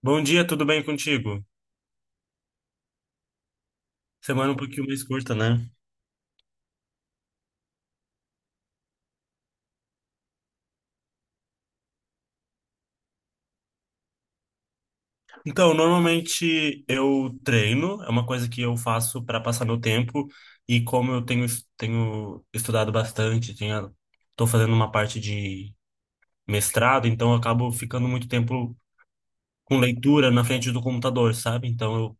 Bom dia, tudo bem contigo? Semana um pouquinho mais curta, né? Então, normalmente eu treino, é uma coisa que eu faço para passar meu tempo, e como eu tenho estudado bastante, tenho, tô fazendo uma parte de mestrado, então eu acabo ficando muito tempo com leitura na frente do computador, sabe? Então eu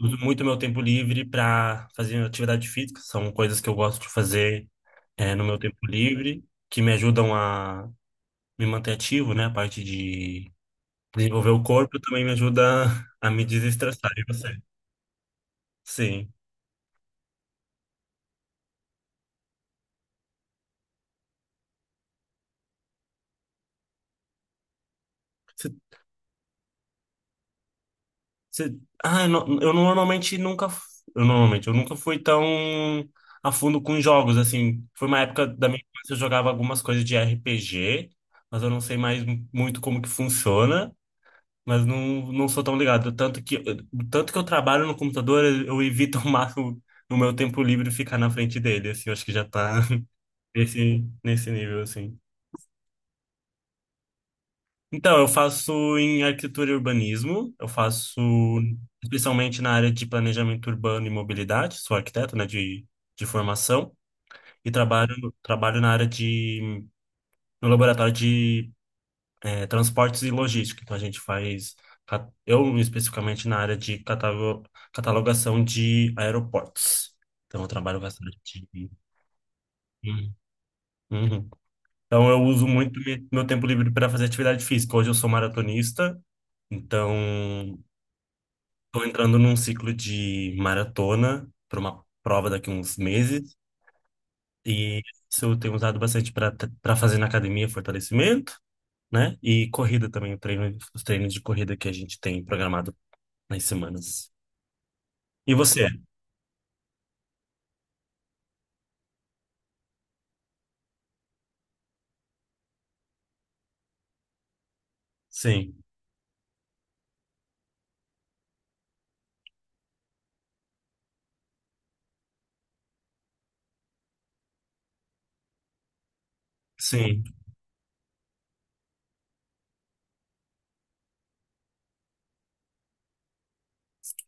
uso muito meu tempo livre para fazer atividade física, são coisas que eu gosto de fazer é, no meu tempo livre, que me ajudam a me manter ativo, né? A parte de desenvolver o corpo também me ajuda a me desestressar. E você? Sim. Você, você... Ah, eu normalmente nunca. F- eu normalmente, eu nunca fui tão a fundo com jogos, assim. Foi uma época da minha infância que eu jogava algumas coisas de RPG, mas eu não sei muito como que funciona. Mas não, não sou tão ligado. Tanto que eu trabalho no computador, eu evito ao máximo no meu tempo livre ficar na frente dele, assim. Eu acho que já tá nesse nível, assim. Então, eu faço em arquitetura e urbanismo, eu faço especialmente na área de planejamento urbano e mobilidade, sou arquiteto, né, de formação, e trabalho na no laboratório de transportes e logística. Então, a gente eu especificamente na área de catalogação de aeroportos. Então, eu trabalho bastante. Uhum. Uhum. Então, eu uso muito meu tempo livre para fazer atividade física. Hoje eu sou maratonista, então. Estou entrando num ciclo de maratona para uma prova daqui a uns meses e isso eu tenho usado bastante para fazer na academia fortalecimento, né? E corrida também, o treino, os treinos de corrida que a gente tem programado nas semanas. E você? Sim, sim,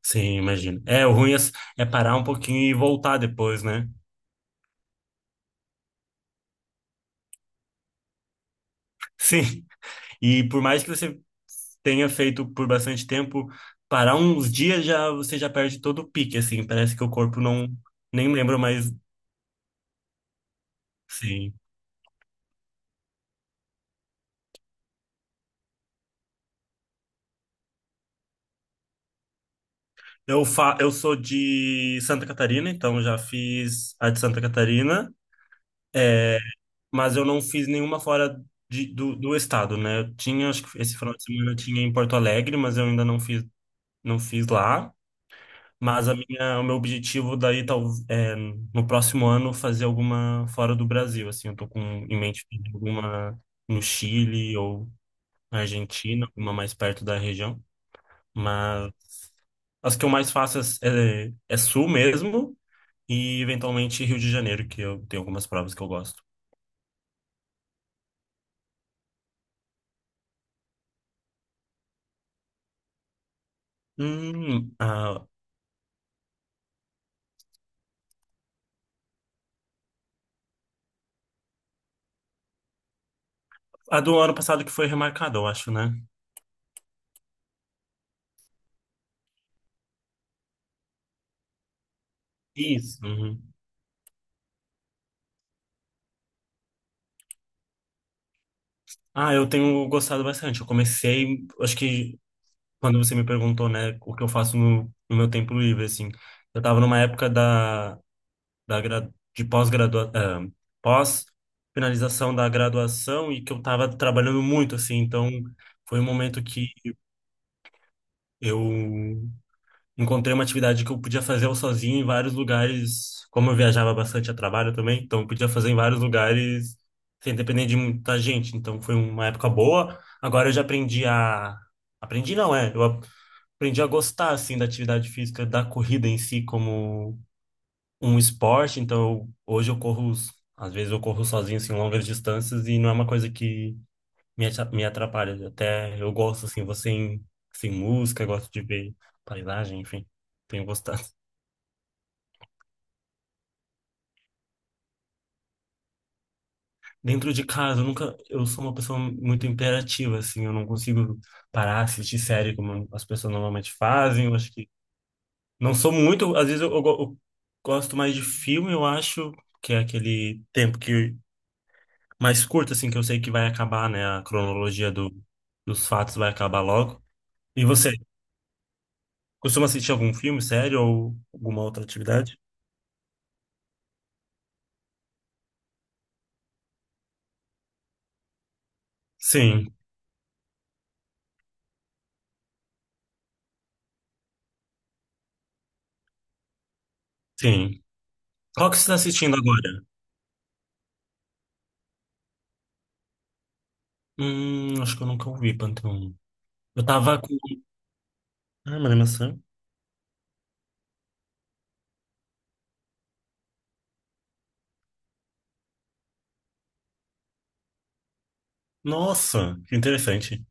sim, imagino. É, o ruim é parar um pouquinho e voltar depois, né? Sim. E por mais que você tenha feito por bastante tempo, parar uns dias já você já perde todo o pique, assim, parece que o corpo não nem lembra mais. Sim. Eu sou de Santa Catarina, então já fiz a de Santa Catarina, é, mas eu não fiz nenhuma fora do estado, né? Eu tinha, acho que esse final de semana eu tinha em Porto Alegre, mas eu ainda não fiz, não fiz lá. Mas a minha, o meu objetivo daí tal, é, no próximo ano fazer alguma fora do Brasil, assim, eu tô com em mente fazer alguma no Chile ou na Argentina, alguma mais perto da região, mas as que eu mais faço é, é sul mesmo. E eventualmente Rio de Janeiro, que eu tenho algumas provas que eu gosto. Hum, a, a do ano passado que foi remarcada, eu acho, né? Isso. Uhum. Ah, eu tenho gostado bastante. Eu comecei, acho que quando você me perguntou, né, o que eu faço no meu tempo livre, assim, eu tava numa época da pós-finalização da graduação e que eu tava trabalhando muito, assim, então foi um momento que eu encontrei uma atividade que eu podia fazer eu sozinho em vários lugares, como eu viajava bastante a trabalho também, então eu podia fazer em vários lugares sem depender de muita gente. Então foi uma época boa. Agora eu já aprendi a aprendi não é, eu aprendi a gostar assim da atividade física, da corrida em si como um esporte. Então hoje eu corro, às vezes eu corro sozinho assim longas distâncias e não é uma coisa que me atrapalha. Até eu gosto assim, você sem música, gosto de ver paisagem, enfim. Tenho gostado. Dentro de casa, eu nunca, eu sou uma pessoa muito imperativa, assim, eu não consigo parar, assistir série como as pessoas normalmente fazem, eu acho que não sou muito, às vezes eu go- eu gosto mais de filme, eu acho, que é aquele tempo que mais curto, assim, que eu sei que vai acabar, né, a cronologia dos fatos vai acabar logo. E você, costuma assistir algum filme, série ou alguma outra atividade? Sim, sim. Qual que você está assistindo agora? Acho que eu nunca ouvi, Pantheon. Eu tava com... Ah, mas é maçã? Nossa, que interessante.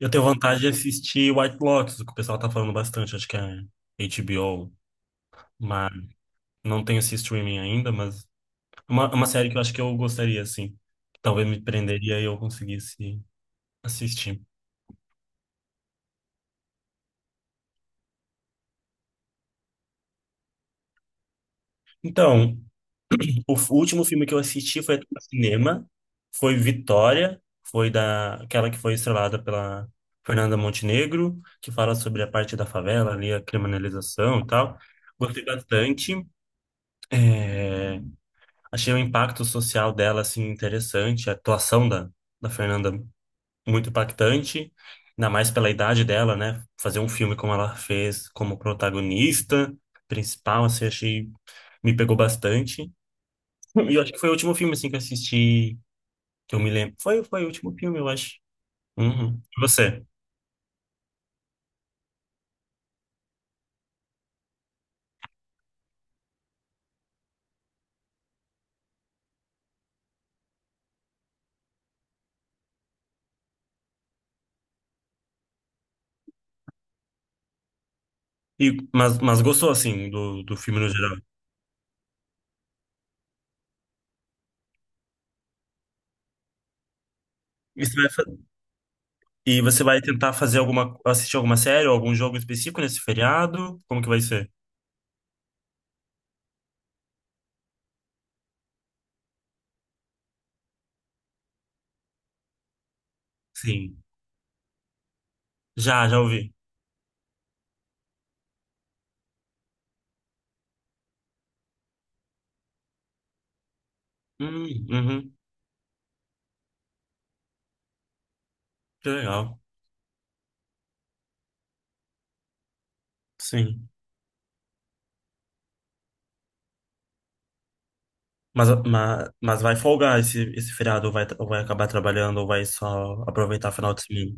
Eu tenho vontade de assistir White Lotus, que o pessoal tá falando bastante, acho que é HBO, mas não tenho esse streaming ainda, mas é uma série que eu acho que eu gostaria, assim. Talvez me prenderia e eu conseguisse assistir. Então, o último filme que eu assisti foi no cinema, foi Vitória, foi da, aquela que foi estrelada pela Fernanda Montenegro, que fala sobre a parte da favela ali, a criminalização e tal. Gostei bastante. É, achei o impacto social dela, assim, interessante. A atuação da Fernanda muito impactante. Ainda mais pela idade dela, né? Fazer um filme como ela fez, como protagonista principal, assim, achei... Me pegou bastante. E eu acho que foi o último filme, assim, que eu assisti, que eu me lembro. Foi, foi o último filme, eu acho. Uhum. E você? E, mas gostou, assim, do filme no geral? E você e você vai tentar fazer alguma... Assistir alguma série ou algum jogo específico nesse feriado? Como que vai ser? Sim. Já, já ouvi. Uhum, que legal. Sim. Mas vai folgar esse feriado, ou vai acabar trabalhando, ou vai só aproveitar final de semana.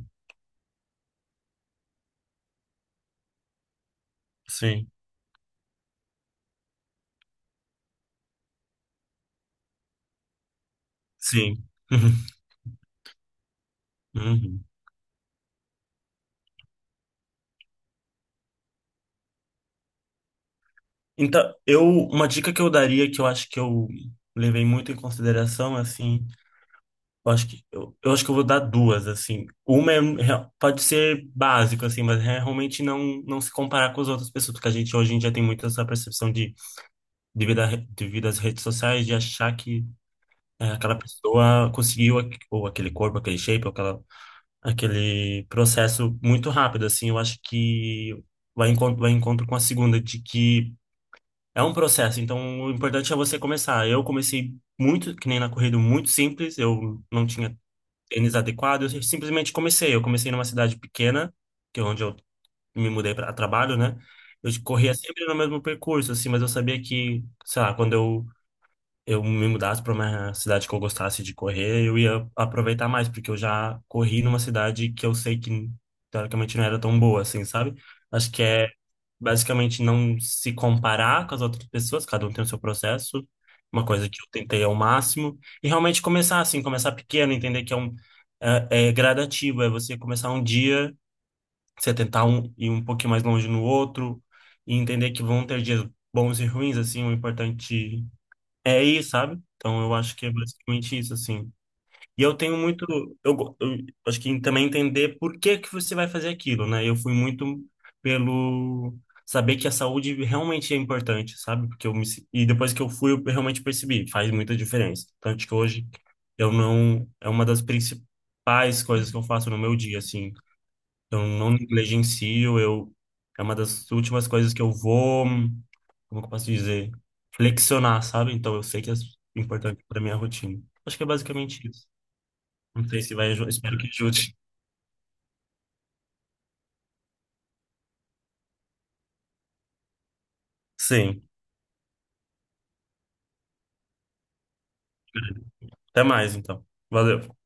Sim, sim. Uhum. Então, eu, uma dica que eu daria, que eu acho que eu levei muito em consideração, assim, eu acho que eu vou dar duas, assim. Uma é, pode ser básico, assim, mas é realmente não se comparar com as outras pessoas, porque a gente hoje em dia tem muito essa percepção de, devido às redes sociais, de achar que é, aquela pessoa conseguiu ou aquele corpo, aquele shape, ou aquele processo muito rápido, assim, eu acho que vai vai encontro com a segunda, de que é um processo, então o importante é você começar. Eu comecei muito, que nem na corrida, muito simples, eu não tinha tênis adequado, eu simplesmente comecei. Eu comecei numa cidade pequena, que é onde eu me mudei para trabalho, né? Eu corria sempre no mesmo percurso, assim, mas eu sabia que, sei lá, quando eu me mudasse para uma cidade que eu gostasse de correr, eu ia aproveitar mais, porque eu já corri numa cidade que eu sei que teoricamente não era tão boa assim, sabe? Acho que é basicamente não se comparar com as outras pessoas, cada um tem o seu processo, uma coisa que eu tentei ao máximo, e realmente começar assim, começar pequeno, entender que é é, é gradativo, é você começar um dia, você tentar ir um pouquinho mais longe no outro, e entender que vão ter dias bons e ruins, assim, o importante é aí, sabe? Então eu acho que é basicamente isso, assim. E eu tenho muito. Eu acho que também entender por que que você vai fazer aquilo, né? Eu fui muito pelo saber que a saúde realmente é importante, sabe? Porque eu me, se- e depois que eu fui, eu realmente percebi, faz muita diferença. Tanto que hoje eu não. É uma das principais coisas que eu faço no meu dia, assim. Eu não negligencio, eu. É uma das últimas coisas que eu vou como que eu posso dizer, flexionar, sabe? Então eu sei que é importante para minha rotina. Acho que é basicamente isso. Não sei se espero que ajude. Sim. Até mais, então. Valeu.